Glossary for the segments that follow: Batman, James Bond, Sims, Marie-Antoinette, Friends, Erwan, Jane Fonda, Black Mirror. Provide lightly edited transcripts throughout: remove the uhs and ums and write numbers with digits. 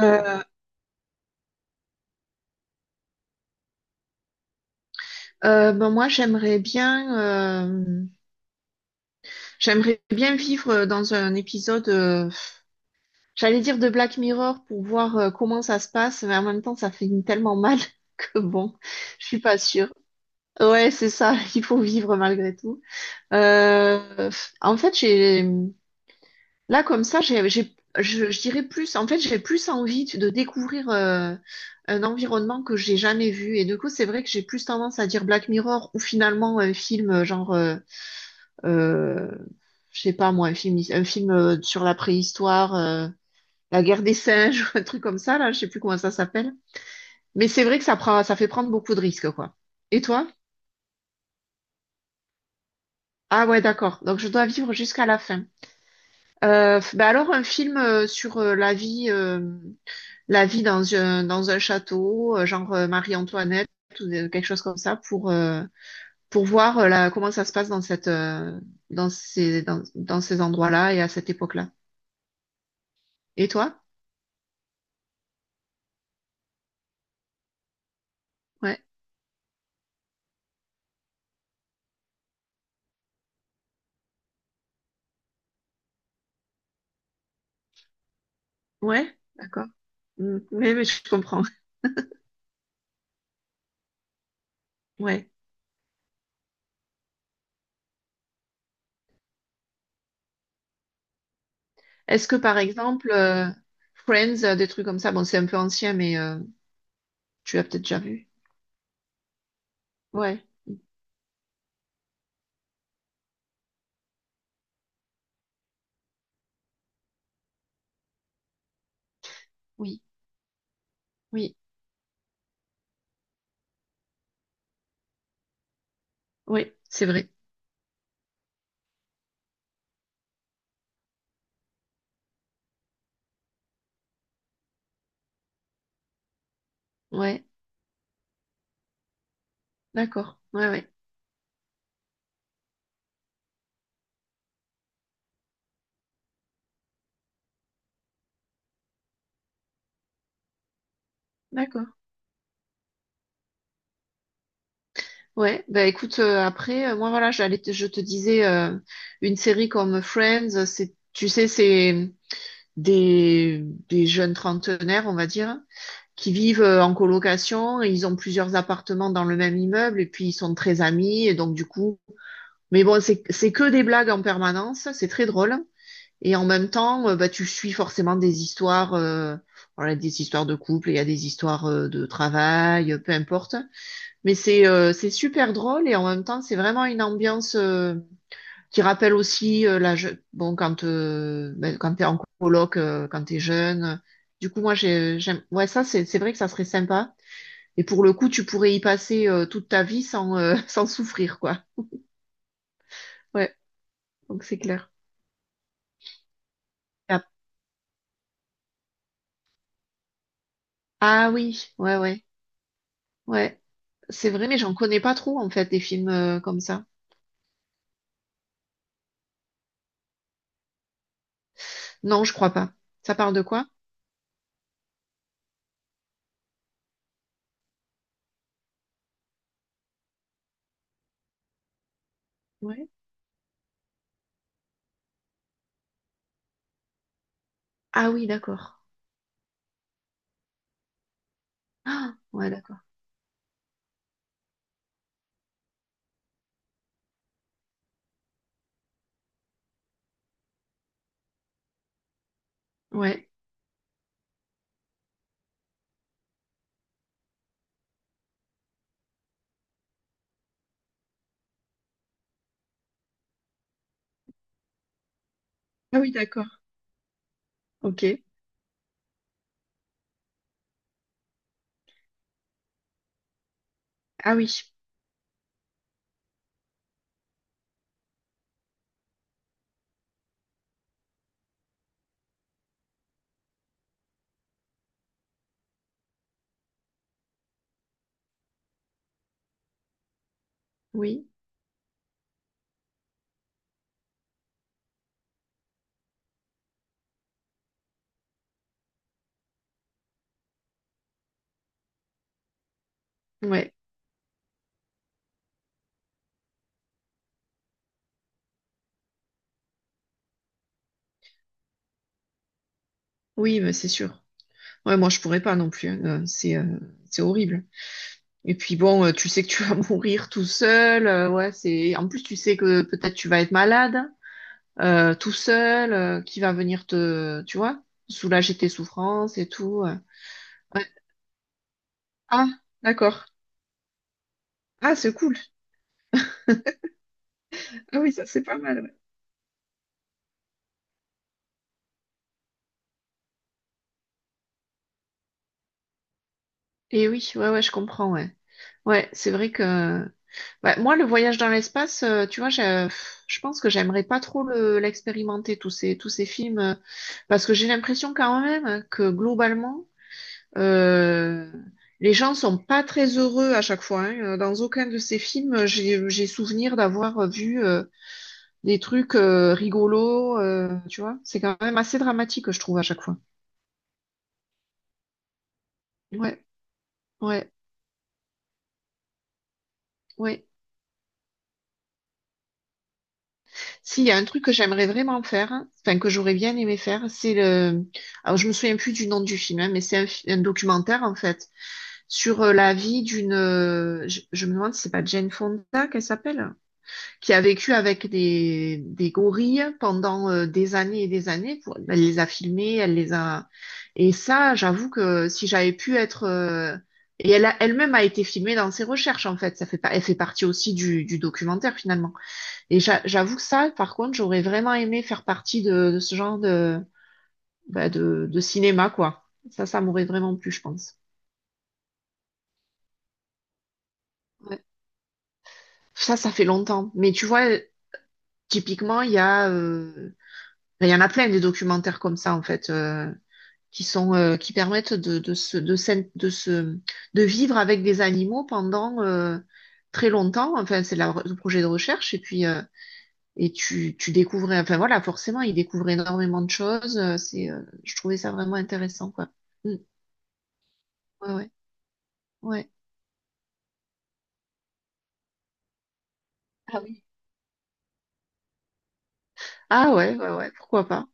Euh, moi, j'aimerais bien vivre dans un épisode, j'allais dire de Black Mirror pour voir comment ça se passe, mais en même temps, ça fait tellement mal que bon, je suis pas sûre. Ouais, c'est ça, il faut vivre malgré tout. Euh, En fait, là, comme ça, je dirais plus, en fait, j'ai plus envie de découvrir un environnement que j'ai jamais vu. Et du coup, c'est vrai que j'ai plus tendance à dire Black Mirror ou finalement un film euh, je sais pas moi, un film sur la préhistoire, la guerre des singes, ou un truc comme ça, là, je sais plus comment ça s'appelle. Mais c'est vrai que ça prend, ça fait prendre beaucoup de risques, quoi. Et toi? Ah ouais, d'accord. Donc je dois vivre jusqu'à la fin. Bah alors un film sur la vie dans un château, Marie-Antoinette ou quelque chose comme ça, pour voir comment ça se passe dans cette dans ces endroits-là et à cette époque-là. Et toi? Ouais. Ouais, d'accord. Mm. Oui, mais je comprends. Ouais. Est-ce que par exemple, Friends, des trucs comme ça, bon, c'est un peu ancien, mais tu l'as peut-être déjà vu. Ouais, oui, oui, oui, c'est vrai. Ouais, d'accord. Ouais, ouais, d'accord. Ouais, bah écoute, après, moi voilà, je te disais, une série comme Friends, c'est, tu sais, c'est des, des jeunes trentenaires, on va dire, qui vivent en colocation, et ils ont plusieurs appartements dans le même immeuble et puis ils sont très amis et donc du coup, mais bon, c'est que des blagues en permanence, c'est très drôle et en même temps, bah tu suis forcément des histoires voilà, des histoires de couple, il y a des histoires de travail, peu importe. Mais c'est super drôle et en même temps, c'est vraiment une ambiance qui rappelle aussi bon quand t'es en coloc, quand t'es jeune. Du coup, moi, j'aime, ouais, ça, c'est vrai que ça serait sympa. Et pour le coup, tu pourrais y passer toute ta vie sans, sans souffrir, quoi. Ouais, donc c'est clair. Ah, ah oui, ouais, ouais, ouais. C'est vrai, mais j'en connais pas trop, en fait, des films comme ça. Non, je crois pas. Ça parle de quoi? Ouais. Ah oui, d'accord. Ah, ouais, d'accord. Ouais. Ah oui, d'accord. Ok. Ah oui, oui, ouais. Oui, mais c'est sûr. Ouais, moi, je pourrais pas non plus, hein. C'est horrible. Et puis bon, tu sais que tu vas mourir tout seul. Ouais, c'est. En plus, tu sais que peut-être tu vas être malade, tout seul, qui va venir te, tu vois, soulager tes souffrances et tout, Ouais. Ah, d'accord. Ah, c'est cool. Ah oui, ça c'est pas mal, ouais. Et oui, ouais, ouais, je comprends, ouais. Ouais, c'est vrai que bah, moi, le voyage dans l'espace, tu vois, je pense que j'aimerais pas trop l'expérimenter, tous ces films, parce que j'ai l'impression quand même que globalement, euh, les gens sont pas très heureux à chaque fois, hein. Dans aucun de ces films, j'ai souvenir d'avoir vu des trucs rigolos, tu vois. C'est quand même assez dramatique, je trouve, à chaque fois. Ouais, ouais, ouais. S'il y a un truc que j'aimerais vraiment faire, hein, enfin que j'aurais bien aimé faire, c'est le. Alors je me souviens plus du nom du film, hein, mais un documentaire en fait sur la vie d'une. Je me demande si c'est pas Jane Fonda qu'elle s'appelle, qui a vécu avec des gorilles pendant des années et des années. Pour, elle les a filmés, elle les a. Et ça, j'avoue que si j'avais pu être. Et elle a, elle-même a été filmée dans ses recherches, en fait. Ça fait pas, elle fait partie aussi du documentaire, finalement. Et j'avoue que ça, par contre, j'aurais vraiment aimé faire partie de ce genre de, bah, de cinéma, quoi. Ça m'aurait vraiment plu, je pense. Ouais. Ça fait longtemps. Mais tu vois, typiquement, il y en a plein des documentaires comme ça, en fait, qui sont qui permettent de se, de, de vivre avec des animaux pendant très longtemps. Enfin, le projet de recherche et puis et tu découvres. Enfin voilà, forcément, ils découvrent énormément de choses. C'est je trouvais ça vraiment intéressant, quoi. Mm. Ouais, ouais, ouais. Ah oui. Ah ouais, ouais, ouais. Pourquoi pas.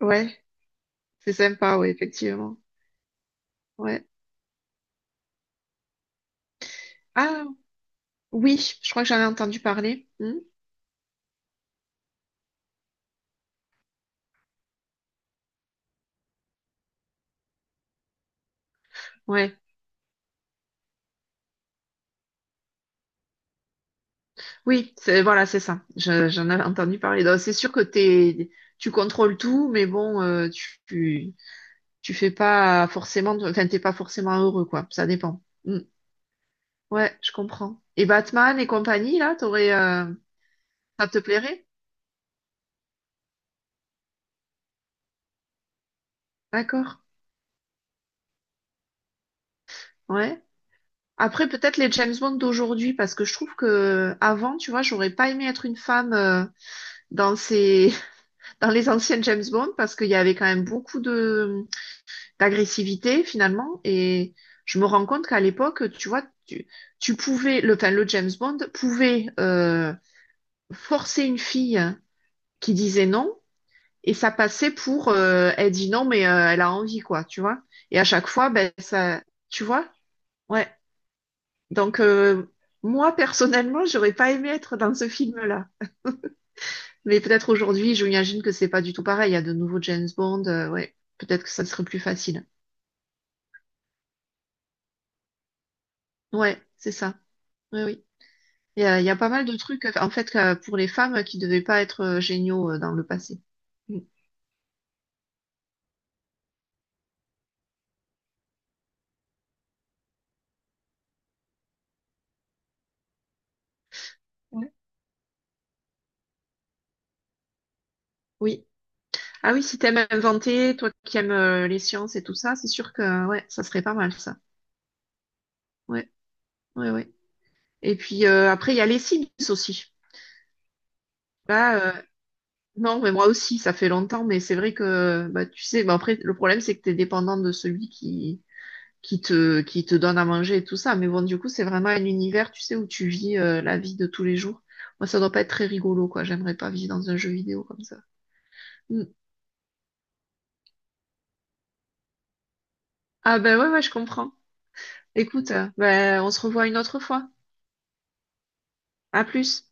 Ouais, c'est sympa. Ouais, effectivement. Ouais. Ah oui, je crois que j'en ai entendu parler. Mm. Ouais. Oui, c'est, voilà, c'est ça. J'en avais entendu parler. Donc, c'est sûr que t'es, tu contrôles tout, mais bon, tu, tu fais pas forcément, enfin, t'es pas forcément heureux, quoi. Ça dépend. Mm. Ouais, je comprends. Et Batman et compagnie, là, t'aurais, ça te plairait? D'accord. Ouais. Après, peut-être les James Bond d'aujourd'hui, parce que je trouve que avant, tu vois, j'aurais pas aimé être une femme dans ces, dans les anciennes James Bond, parce qu'il y avait quand même beaucoup de, d'agressivité finalement. Et je me rends compte qu'à l'époque, tu vois, tu pouvais, enfin, le James Bond pouvait forcer une fille qui disait non, et ça passait pour, elle dit non, mais elle a envie, quoi, tu vois. Et à chaque fois, ben, ça, tu vois, ouais. Donc, moi, personnellement, j'aurais pas aimé être dans ce film-là. Mais peut-être aujourd'hui, je m'imagine que c'est pas du tout pareil. Il y a de nouveaux James Bond, ouais. Peut-être que ça serait plus facile. Ouais, c'est ça. Oui, oui. Il y a pas mal de trucs, en fait, pour les femmes qui devaient pas être géniaux dans le passé. Mm. Ouais. Oui. Ah oui, si t'aimes inventer, toi qui aimes les sciences et tout ça, c'est sûr que ouais, ça serait pas mal ça. Ouais, ouais, ouais. Et puis après, il y a les Sims aussi. Là, euh, non, mais moi aussi, ça fait longtemps, mais c'est vrai que bah tu sais, bah, après, le problème, c'est que t'es dépendant de celui qui, qui te donne à manger et tout ça. Mais bon, du coup, c'est vraiment un univers, tu sais, où tu vis la vie de tous les jours. Moi, ça doit pas être très rigolo, quoi. J'aimerais pas vivre dans un jeu vidéo comme ça. Mm. Ah ben ouais, ouais, je comprends. Écoute, ben, on se revoit une autre fois. À plus.